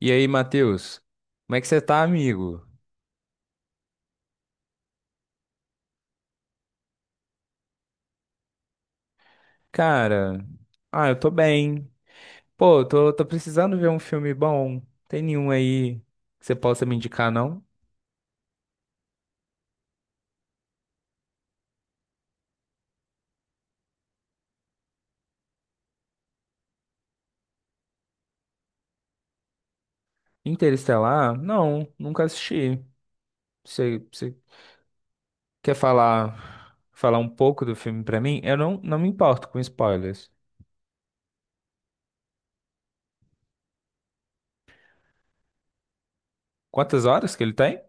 E aí, Matheus? Como é que você tá, amigo? Cara, eu tô bem. Pô, tô precisando ver um filme bom. Tem nenhum aí que você possa me indicar, não? Interestelar? Não, nunca assisti. Você quer falar um pouco do filme pra mim? Eu não me importo com spoilers. Quantas horas que ele tem?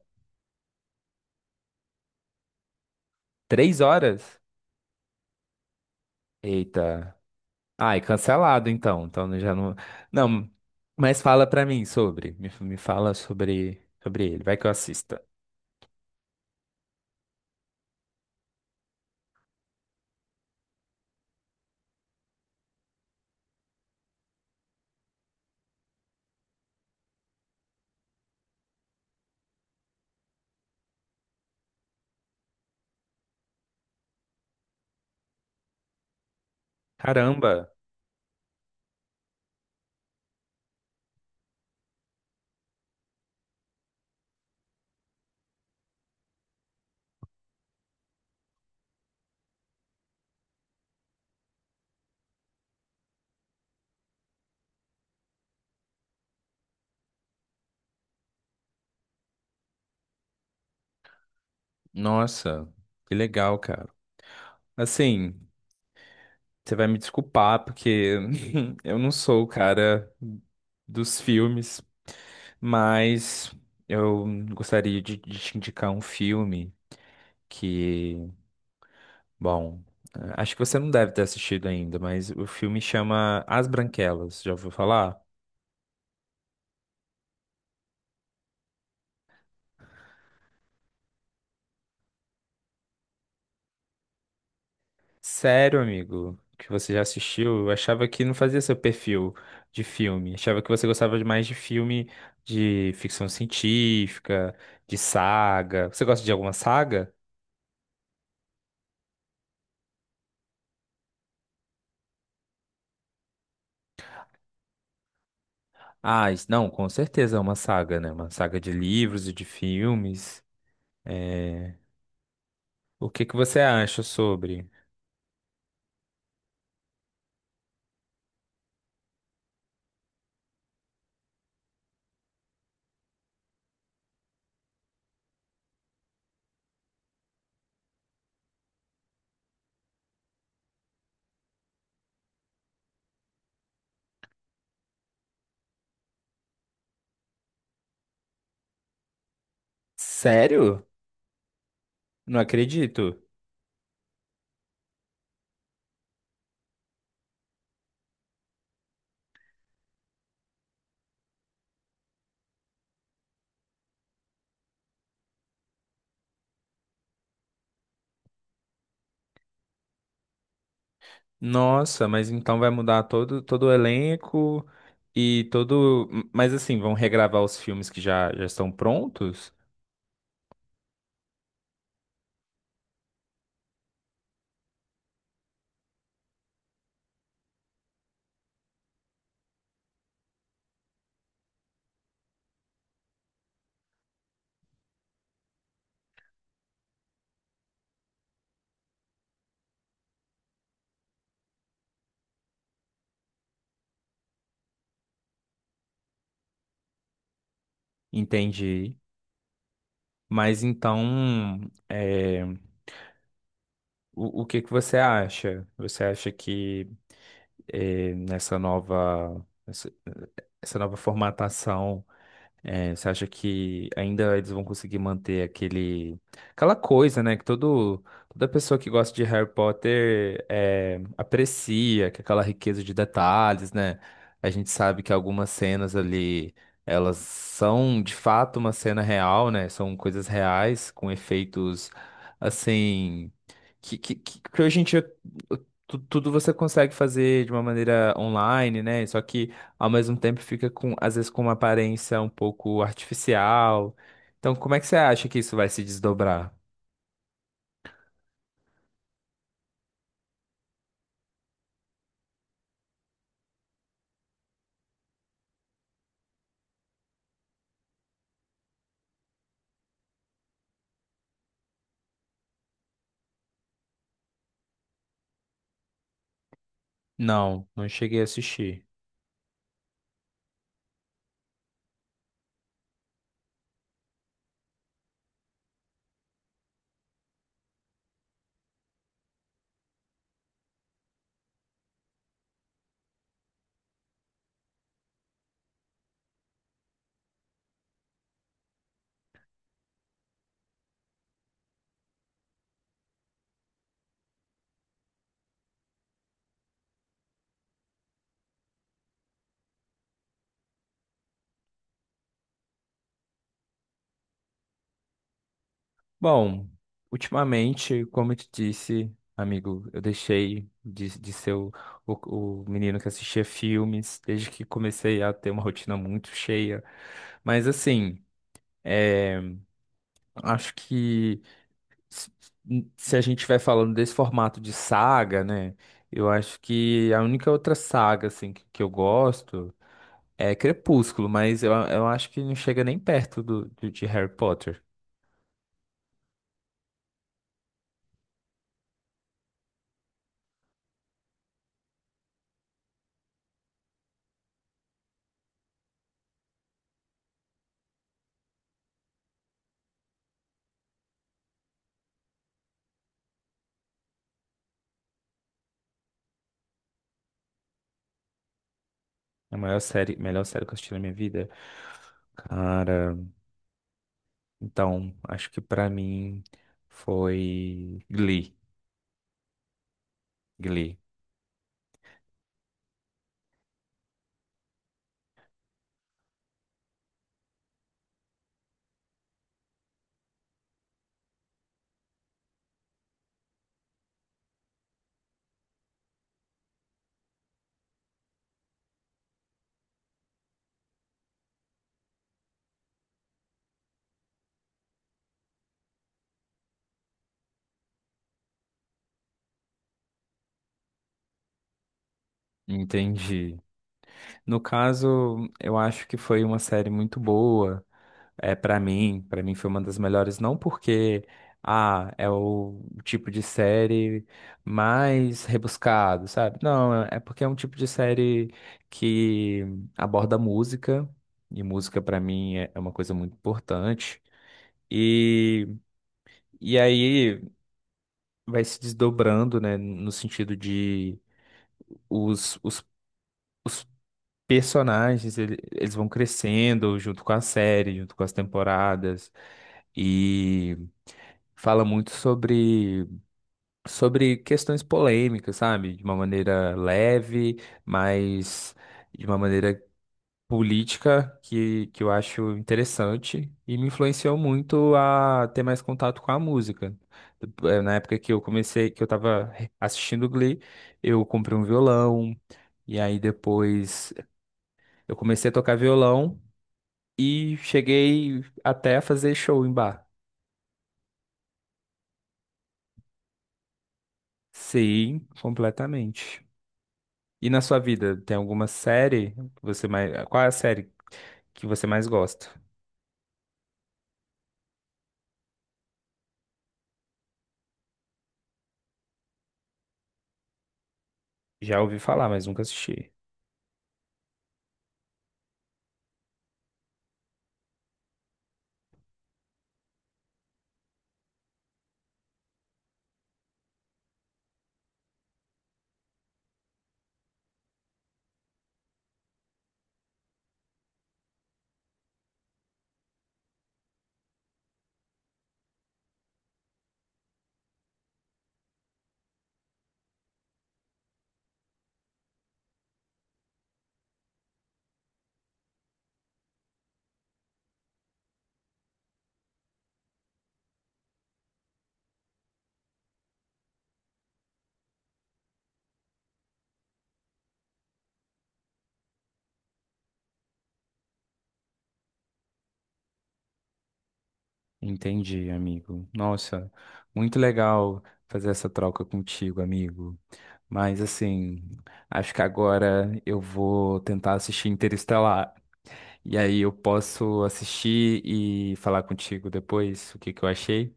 Três horas? Eita. Ai, cancelado então. Então já não. Não, mas fala pra mim sobre. Me fala sobre ele. Vai que eu assista. Caramba! Nossa, que legal, cara. Assim, você vai me desculpar porque eu não sou o cara dos filmes, mas eu gostaria de te indicar um filme que Bom, acho que você não deve ter assistido ainda, mas o filme chama As Branquelas. Já ouviu falar? Sério, amigo, que você já assistiu? Eu achava que não fazia seu perfil de filme. Achava que você gostava de mais de filme de ficção científica, de saga. Você gosta de alguma saga? Ah, isso- não, com certeza é uma saga, né? Uma saga de livros e de filmes. Eh, o que que você acha sobre? Sério? Não acredito. Nossa, mas então vai mudar todo o elenco e todo. Mas assim, vão regravar os filmes que já estão prontos? Entendi. Mas então, é, o que que você acha? Você acha que é, essa nova formatação. É, você acha que ainda eles vão conseguir manter aquele, aquela coisa, né, que toda pessoa que gosta de Harry Potter é, aprecia, que é aquela riqueza de detalhes, né? A gente sabe que algumas cenas ali, elas são de fato uma cena real, né? São coisas reais, com efeitos, assim, que hoje em dia tudo você consegue fazer de uma maneira online, né? Só que ao mesmo tempo fica com, às vezes, com uma aparência um pouco artificial. Então, como é que você acha que isso vai se desdobrar? Não, não cheguei a assistir. Bom, ultimamente, como eu te disse, amigo, eu deixei de ser o menino que assistia filmes desde que comecei a ter uma rotina muito cheia. Mas assim, é, acho que se se a gente estiver falando desse formato de saga, né? Eu acho que a única outra saga, assim, que eu gosto é Crepúsculo, mas eu acho que não chega nem perto de Harry Potter. É a maior série, melhor série que eu assisti na minha vida. Cara, então, acho que pra mim foi Glee. Glee. Entendi. No caso, eu acho que foi uma série muito boa. É, para mim foi uma das melhores, não porque ah, é o tipo de série mais rebuscado, sabe? Não, é porque é um tipo de série que aborda música, e música para mim é uma coisa muito importante. E, e aí vai se desdobrando, né, no sentido de os, os, os personagens, eles vão crescendo junto com a série, junto com as temporadas. E fala muito sobre questões polêmicas, sabe? De uma maneira leve, mas de uma maneira política que eu acho interessante e me influenciou muito a ter mais contato com a música. Na época que eu comecei, que eu tava assistindo Glee, eu comprei um violão. E aí depois eu comecei a tocar violão e cheguei até a fazer show em bar. Sim, completamente. E na sua vida, tem alguma série que você mais. Qual é a série que você mais gosta? Já ouvi falar, mas nunca assisti. Entendi, amigo. Nossa, muito legal fazer essa troca contigo, amigo. Mas assim, acho que agora eu vou tentar assistir Interestelar. E aí eu posso assistir e falar contigo depois o que que eu achei.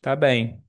Tá bem.